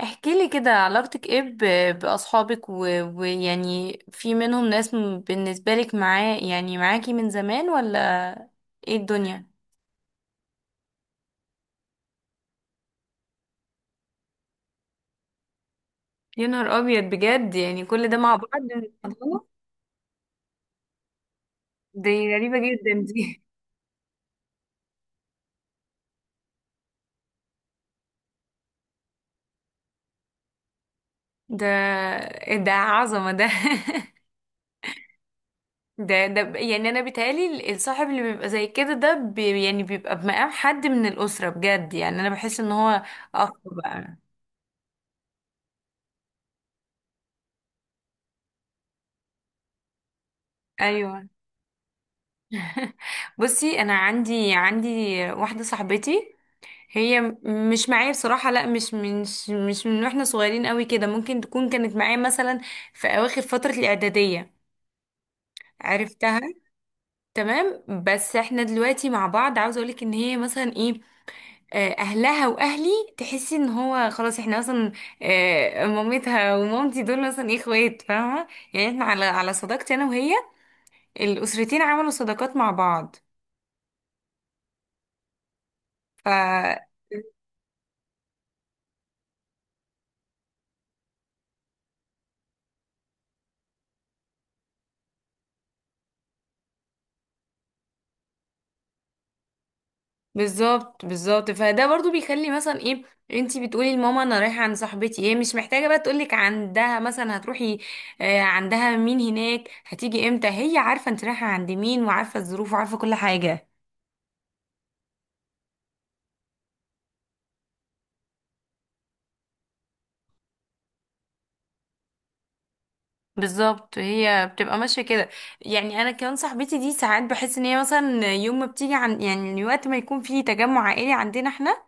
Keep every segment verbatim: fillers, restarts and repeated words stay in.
احكي لي كده، علاقتك ايه ب- بأصحابك و- ويعني في منهم ناس م- بالنسبة لك معاه يعني معاكي من زمان ولا ايه الدنيا؟ يا نهار ابيض، بجد يعني كل ده مع بعض؟ الله، دي غريبة جدا دي. ده، إيه ده، عظمة ده. ده ده ب- يعني انا بيتهيألي الصاحب اللي بيبقى زي كده ده بي يعني بيبقى بمقام حد من الأسرة، بجد يعني انا بحس ان هو اخ بقى. ايوه. بصي، انا عندي عندي واحده صاحبتي، هي م- مش معايا بصراحة. لا مش من مش مش من واحنا صغيرين قوي كده، ممكن تكون كانت معايا مثلا في أواخر فترة الإعدادية عرفتها. تمام، بس احنا دلوقتي مع بعض. عاوزة اقولك ان هي مثلا ايه، آه، اهلها واهلي، تحسي ان هو خلاص احنا مثلا آه، مامتها ومامتي دول مثلا ايه، اخوات، فاهمة؟ يعني احنا على على صداقتي انا وهي، الاسرتين عملوا صداقات مع بعض. ف، بالظبط بالظبط، فده برضو بيخلي مثلا ايه، انتي بتقولي لماما انا رايحه عند صاحبتي، هي مش محتاجه بقى تقولك عندها مثلا هتروحي آه، عندها مين هناك، هتيجي امتى، هي عارفه انت رايحه عند مين وعارفه الظروف وعارفه كل حاجه. بالظبط، هي بتبقى ماشيه كده. يعني انا كمان صاحبتي دي ساعات بحس ان هي مثلا يوم ما بتيجي، عن يعني وقت ما يكون في تجمع عائلي عندنا احنا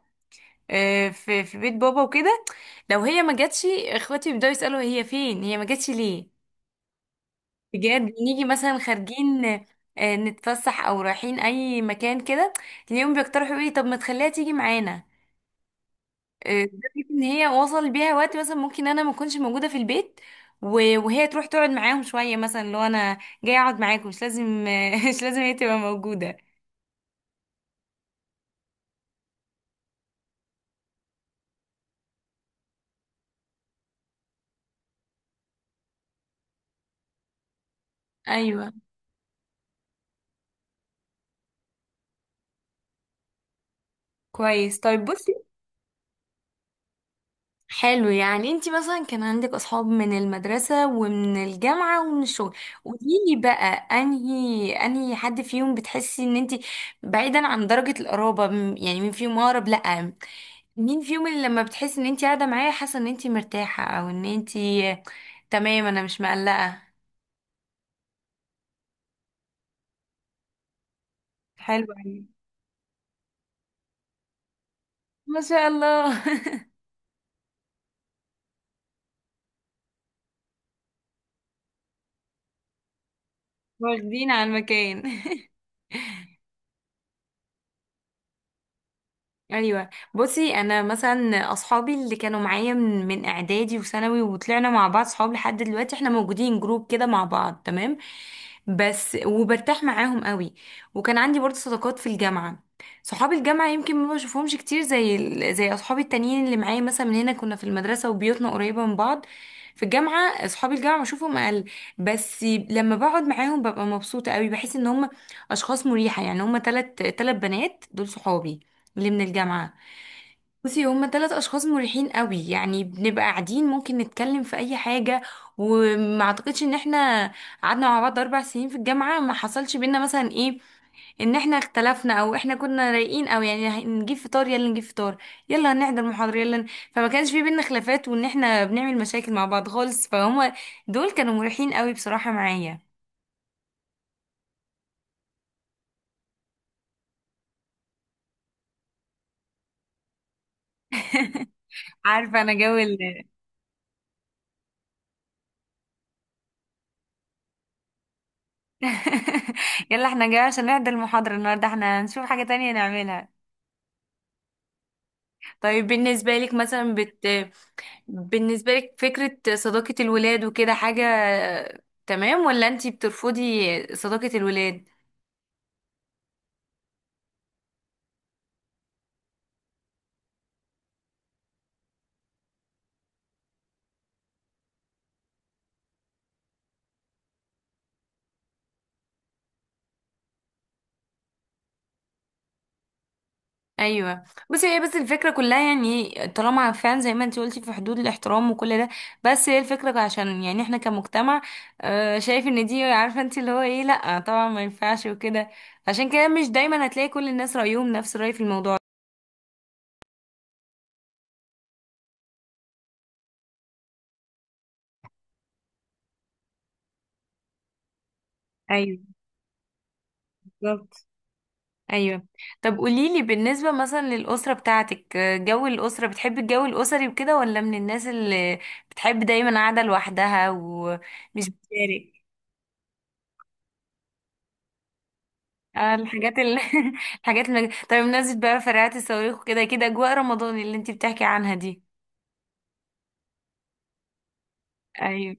آه، في في بيت بابا وكده، لو هي ما جاتش اخواتي بيبداوا يسالوا هي فين، هي ما جاتش ليه. بجد، بنيجي مثلا خارجين آه، نتفسح او رايحين اي مكان كده، تلاقيهم بيقترحوا ايه، طب ما تخليها تيجي معانا. آه، لدرجة ان هي وصل بيها وقت مثلا ممكن انا ما اكونش موجوده في البيت و- وهي تروح تقعد معاهم شويه، مثلا لو انا جايه اقعد معاكم مش لازم مش لازم هي تبقى موجوده. ايوه، كويس. طيب بصي، حلو يعني انت مثلا كان عندك اصحاب من المدرسة ومن الجامعة ومن الشغل. قوليلي بقى، انهي انهي حد فيهم بتحسي ان انت، بعيدا عن درجة القرابة، م- يعني مين فيهم اقرب؟ لا، مين فيهم اللي لما بتحسي ان انت قاعدة معاه، حاسة ان انت مرتاحة او ان انت تمام، انا مش مقلقة؟ حلو، حلوة أوي. ما شاء الله. واخدين على المكان. ايوه، بصي، انا مثلا اصحابي اللي كانوا معايا من من اعدادي وثانوي وطلعنا مع بعض صحاب لحد دلوقتي، احنا موجودين جروب كده مع بعض، تمام؟ بس وبرتاح معاهم قوي. وكان عندي برضه صداقات في الجامعه، صحاب الجامعه يمكن ما بشوفهمش كتير زي ال- زي اصحابي التانيين اللي معايا مثلا من هنا، كنا في المدرسه وبيوتنا قريبه من بعض. في الجامعه اصحاب الجامعه بشوفهم اقل، بس لما بقعد معاهم ببقى مبسوطه قوي، بحس ان هم اشخاص مريحه. يعني هم تلت تلت بنات دول صحابي اللي من الجامعة. بصي، هما ثلاث أشخاص مريحين قوي، يعني بنبقى قاعدين ممكن نتكلم في أي حاجة. وما أعتقدش إن إحنا قعدنا مع بعض أربع سنين في الجامعة ما حصلش بينا مثلا إيه، إن إحنا اختلفنا، أو إحنا كنا رايقين أو يعني هنجيب فطار، يلا نجيب فطار، يلا هنحضر محاضرة، يلا ن- فما كانش في بينا خلافات وإن إحنا بنعمل مشاكل مع بعض خالص. فهما دول كانوا مريحين قوي بصراحة معايا. عارفة أنا جو ال... يلا إحنا جايين عشان نحضر المحاضرة النهاردة، إحنا هنشوف حاجة تانية نعملها. طيب، بالنسبة لك مثلا بت... بالنسبة لك فكرة صداقة الولاد وكده، حاجة تمام ولا انتي بترفضي صداقة الولاد؟ ايوه. بس هي بس الفكرة كلها، يعني طالما فعلا زي ما انتي قلتي في حدود الاحترام وكل ده، بس هي الفكرة عشان يعني احنا كمجتمع آه، شايف ان دي، عارفة انتي اللي هو ايه، لأ طبعا ما ينفعش وكده. عشان كده مش دايما هتلاقي كل الناس رأيهم نفس الرأي في الموضوع. ايوه، بالظبط، ايوه. طب قوليلي بالنسبة مثلا للأسرة بتاعتك، آه، جو الأسرة، بتحبي الجو الأسري وكده ولا من الناس اللي بتحب دايما قاعدة لوحدها ومش بتشارك؟ اه الحاجات ال... الحاجات المج... طب بمناسبة بقى فرقعات الصواريخ وكده كده، أجواء رمضان اللي انتي بتحكي عنها دي. ايوه.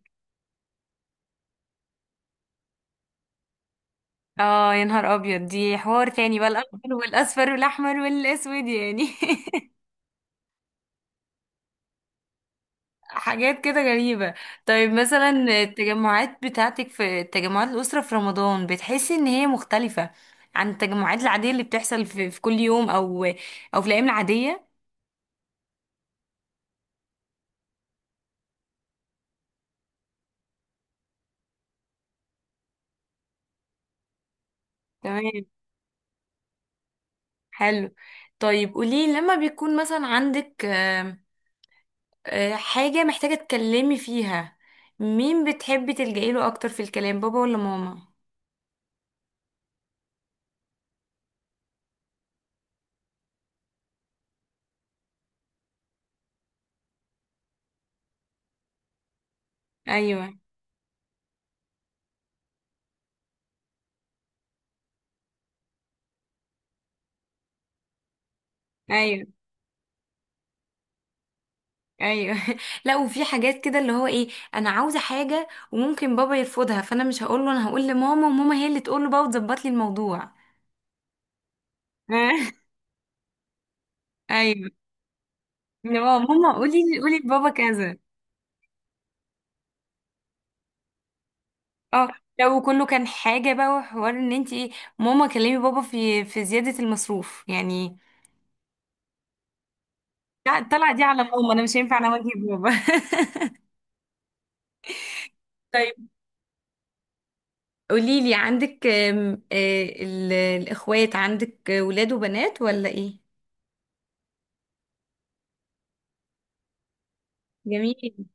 اه يا نهار أبيض، دي حوار تاني بقى، الأخضر والأصفر والأحمر والأسود يعني. حاجات كده غريبة. طيب، مثلا التجمعات بتاعتك في تجمعات الأسرة في رمضان، بتحسي ان هي مختلفة عن التجمعات العادية اللي بتحصل في, في كل يوم او او في الأيام العادية؟ تمام. حلو. طيب قولي، لما بيكون مثلا عندك آم، آه، حاجة محتاجة تكلمي فيها، مين بتحبي تلجئي له اكتر في الكلام، بابا ولا ماما؟ ايوه. ايوه. ايوه. لا وفي حاجات كده اللي هو ايه، انا عاوزه حاجه وممكن بابا يرفضها، فانا مش هقول له، انا هقول لماما وماما هي اللي تقول له بقى وتظبط لي الموضوع. ايوه، اللي هو ماما قولي قولي لبابا كذا. اه. لو كله كان حاجه بقى وحوار ان انت ايه، ماما كلمي بابا في في زياده المصروف يعني. لا، طلع دي على ماما، انا مش هينفع انا اواجه بابا. طيب قولي لي، عندك آم، آه، ال- الاخوات، عندك آه، ولاد وبنات ولا ايه؟ جميل.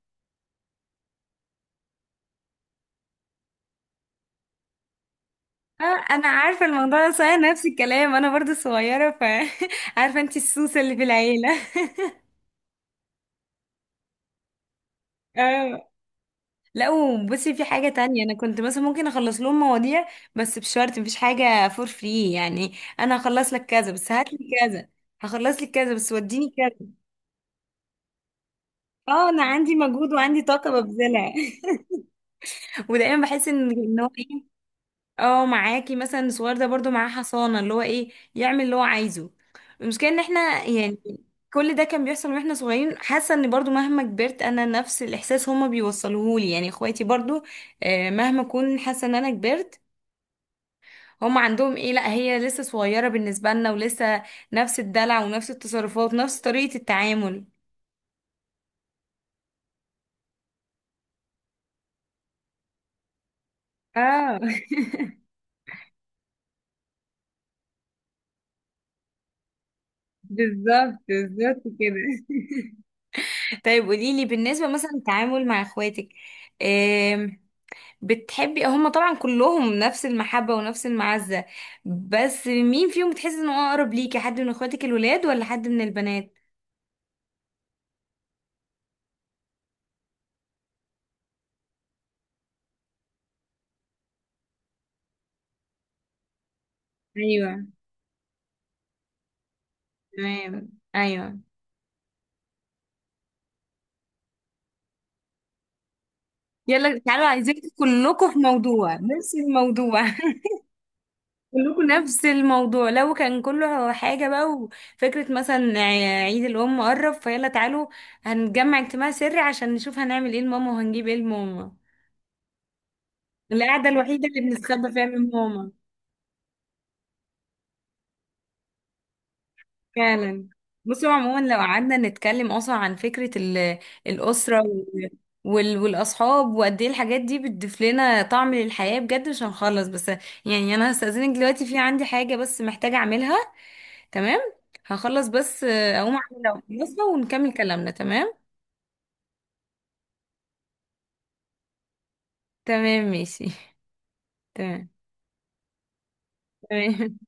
اه انا عارفه الموضوع ده صحيح، نفس الكلام، انا برضو صغيره، ف عارفه انت السوسه اللي في العيله. اه. لا وبصي، في حاجه تانية انا كنت مثلا ممكن اخلص لهم مواضيع، بس بشرط مفيش حاجه فور فري يعني. انا هخلص لك كذا بس هات لي كذا، هخلص لك كذا بس وديني كذا. اه، انا عندي مجهود وعندي طاقه ببذلها. ودايما بحس ان إن هو إيه؟ اه، معاكي مثلا الصغير ده برضو معاه حصانة اللي هو ايه، يعمل اللي هو عايزه. المشكلة ان احنا يعني كل ده كان بيحصل واحنا صغيرين، حاسة ان برضو مهما كبرت انا، نفس الاحساس هما بيوصلوهولي، يعني اخواتي برضو آه، مهما اكون حاسة ان انا كبرت، هما عندهم ايه، لا هي لسه صغيرة بالنسبة لنا، ولسه نفس الدلع ونفس التصرفات ونفس طريقة التعامل. اه. بالظبط بالظبط كده. طيب قوليلي، بالنسبة مثلا التعامل مع اخواتك، بتحبي، هما طبعا كلهم نفس المحبة ونفس المعزة، بس مين فيهم بتحسي انه اقرب ليكي، حد من اخواتك الولاد ولا حد من البنات؟ ايوه. تمام. ايوه. يلا تعالوا عايزين كلكم في موضوع، نفس الموضوع. كلكم نفس الموضوع. لو كان كله حاجة بقى، وفكرة مثلا ع- عيد الأم قرب، فيلا تعالوا هنجمع اجتماع سري عشان نشوف هنعمل ايه لماما وهنجيب ايه لماما. القعدة الوحيدة اللي بنستخبى فيها من ماما. فعلا. بصوا عموما لو قعدنا نتكلم اصلا عن فكرة ال- الأسرة وال- وال- والأصحاب، وقد ايه الحاجات دي بتضيف لنا طعم للحياة، بجد مش هنخلص. بس يعني انا هستأذنك دلوقتي، في عندي حاجة بس محتاجة اعملها. تمام. هخلص بس آه، اقوم اعملها ونكمل كلامنا، تمام؟ تمام، ماشي. تمام. تمام.